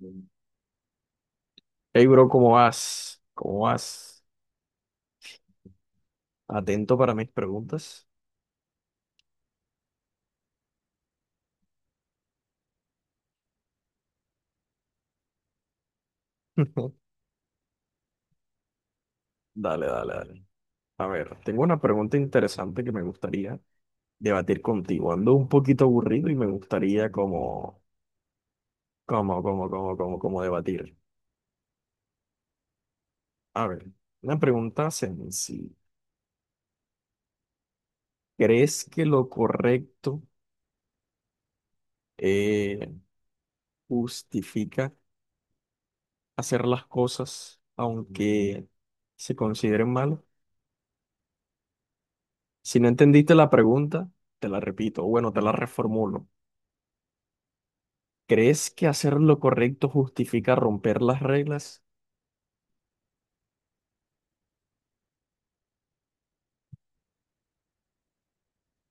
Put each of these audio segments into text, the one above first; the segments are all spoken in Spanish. Hey, bro, ¿cómo vas? ¿Cómo vas? Atento para mis preguntas. Dale, dale, dale. A ver, tengo una pregunta interesante que me gustaría debatir contigo. Ando un poquito aburrido y me gustaría como debatir. A ver, una pregunta sencilla. ¿Crees que lo correcto eh, justifica hacer las cosas aunque se consideren malas? Si no entendiste la pregunta, te la repito, o bueno, te la reformulo. ¿Crees que hacer lo correcto justifica romper las reglas?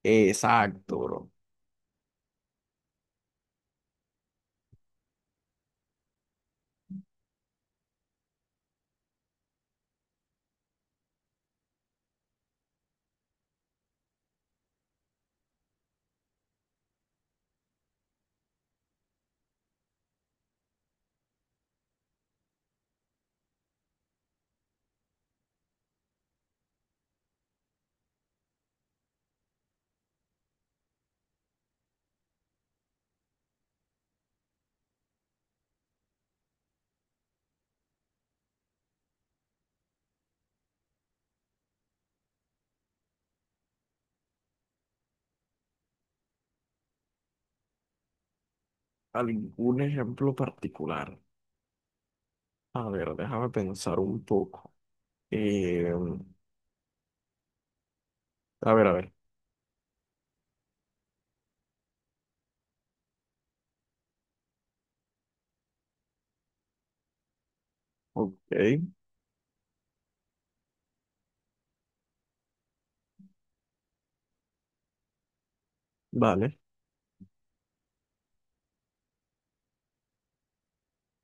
Exacto, bro. ¿Algún ejemplo particular? A ver, déjame pensar un poco. Eh, a ver, a ver. Ok, vale,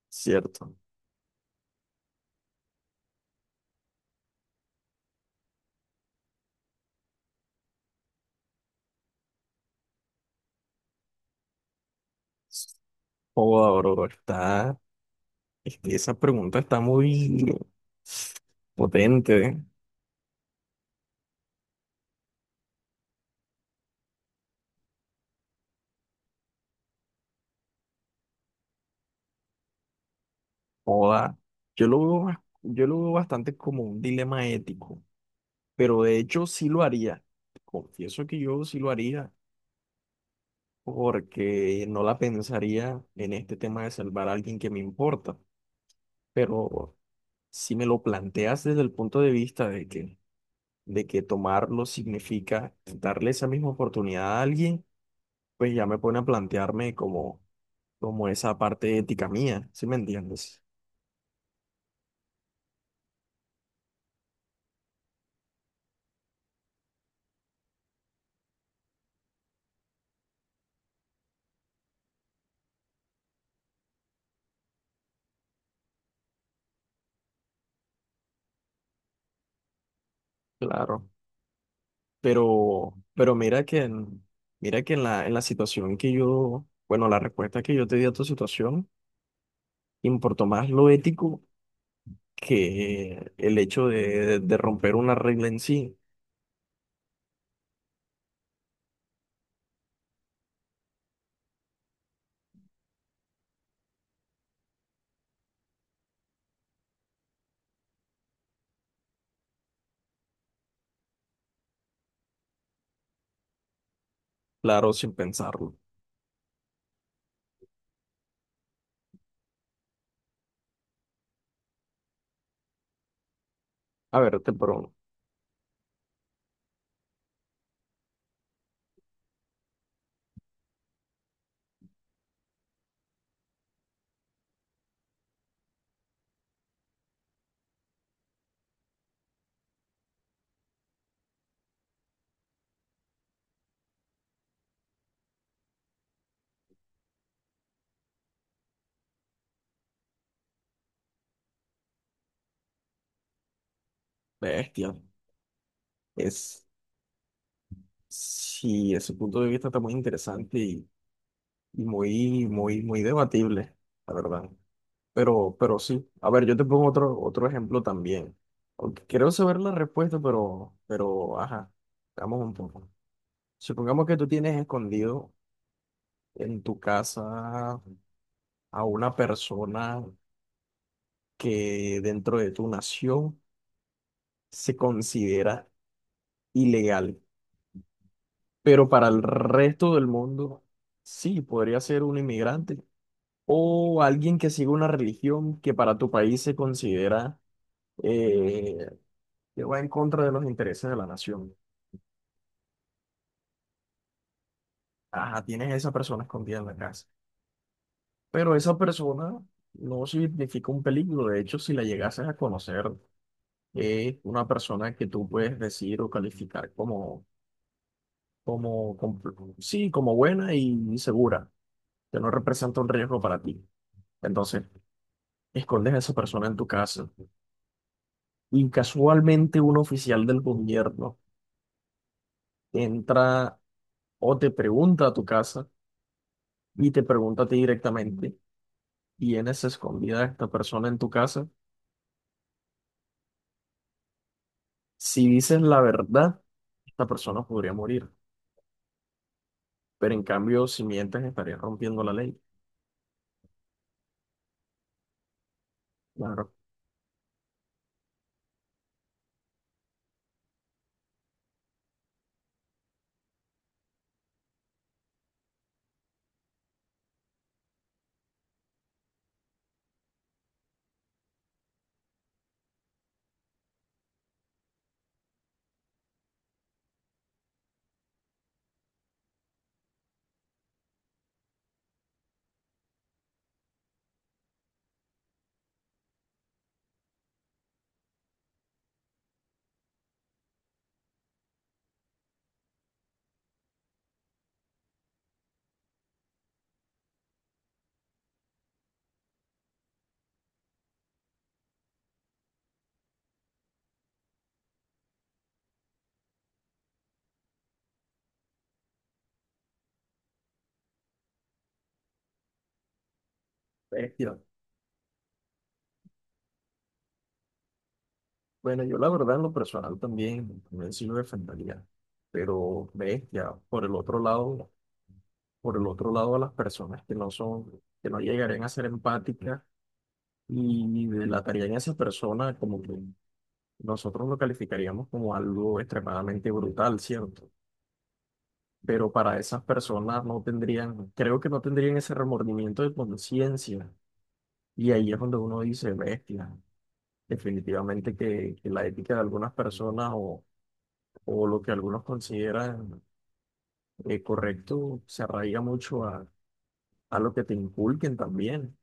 cierto. Joda, bro, está, es esa pregunta está muy potente, ¿eh? Joda. Yo lo veo, yo lo veo bastante como un dilema ético, pero de hecho sí lo haría. Confieso que yo sí lo haría porque no la pensaría en este tema de salvar a alguien que me importa, pero si me lo planteas desde el punto de vista de que tomarlo significa darle esa misma oportunidad a alguien, pues ya me pone a plantearme como, como esa parte ética mía, ¿sí me entiendes? Claro. Pero mira que en la situación que yo, bueno, la respuesta que yo te di a tu situación, importó más lo ético que el hecho de romper una regla en sí, claro, sin pensarlo. A ver, te pero bestia, es, sí, ese punto de vista está muy interesante y muy, muy, muy debatible, la verdad. Pero sí, a ver, yo te pongo otro, otro ejemplo también. Aunque quiero saber la respuesta, pero, ajá, veamos un poco. Supongamos que tú tienes escondido en tu casa a una persona que dentro de tu nación se considera ilegal, pero para el resto del mundo sí, podría ser un inmigrante o alguien que siga una religión que para tu país se considera eh, que va en contra de los intereses de la nación. Ajá, tienes a esa persona escondida en la casa, pero esa persona no significa un peligro. De hecho, si la llegases a conocer, es una persona que tú puedes decir o calificar como como, sí, como buena y segura, que no representa un riesgo para ti. Entonces, escondes a esa persona en tu casa y casualmente un oficial del gobierno entra o te pregunta a tu casa y te pregunta a ti directamente, ¿tienes escondida a esta persona en tu casa? Si dices la verdad, esta persona podría morir, pero en cambio, si mientes, estarías rompiendo la ley. Claro, bestia. Bueno, yo la verdad en lo personal también, también sí lo defendería, pero ves ya por el otro lado, por el otro lado a las personas que no son, que no llegarían a ser empáticas y delatarían a esa persona como que nosotros lo calificaríamos como algo extremadamente brutal, ¿cierto? Pero para esas personas no tendrían, creo que no tendrían ese remordimiento de conciencia y ahí es donde uno dice, bestia, definitivamente que la ética de algunas personas o lo que algunos consideran correcto se arraiga mucho a lo que te inculquen también,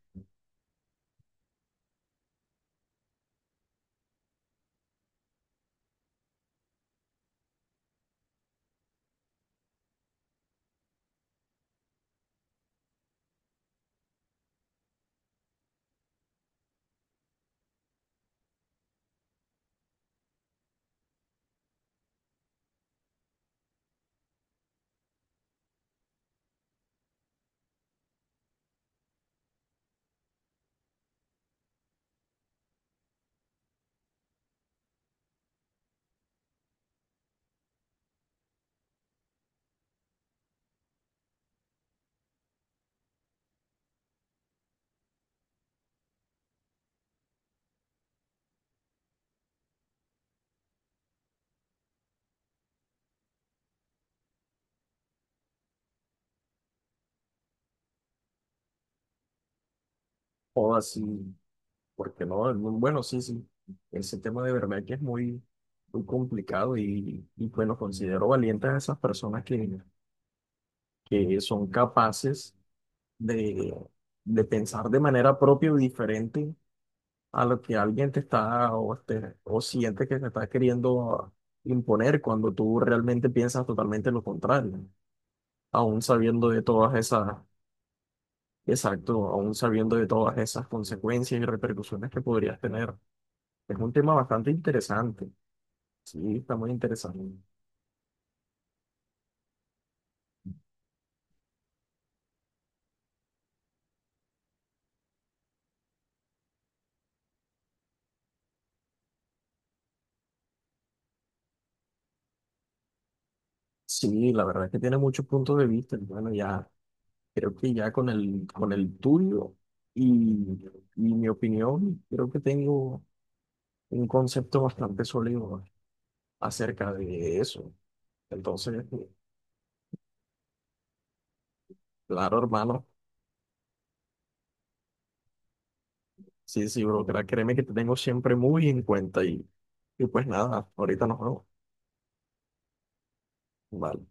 o así, porque no, bueno, sí, sí, ese tema de verdad que es muy, muy complicado y bueno, considero valientes a esas personas que son capaces de, de pensar de manera propia y diferente a lo que alguien te está o, te, o siente que te está queriendo imponer cuando tú realmente piensas totalmente lo contrario. Aún sabiendo de todas esas, exacto, aún sabiendo de todas esas consecuencias y repercusiones que podrías tener. Es un tema bastante interesante, sí, está muy interesante. Sí, la verdad es que tiene muchos puntos de vista. Y bueno, ya creo que ya con el tuyo y, y mi opinión, creo que tengo un concepto bastante sólido acerca de eso. Entonces, claro, hermano, sí, sí, bro, créeme que te tengo siempre muy en cuenta y pues nada, ahorita nos vemos. Vale.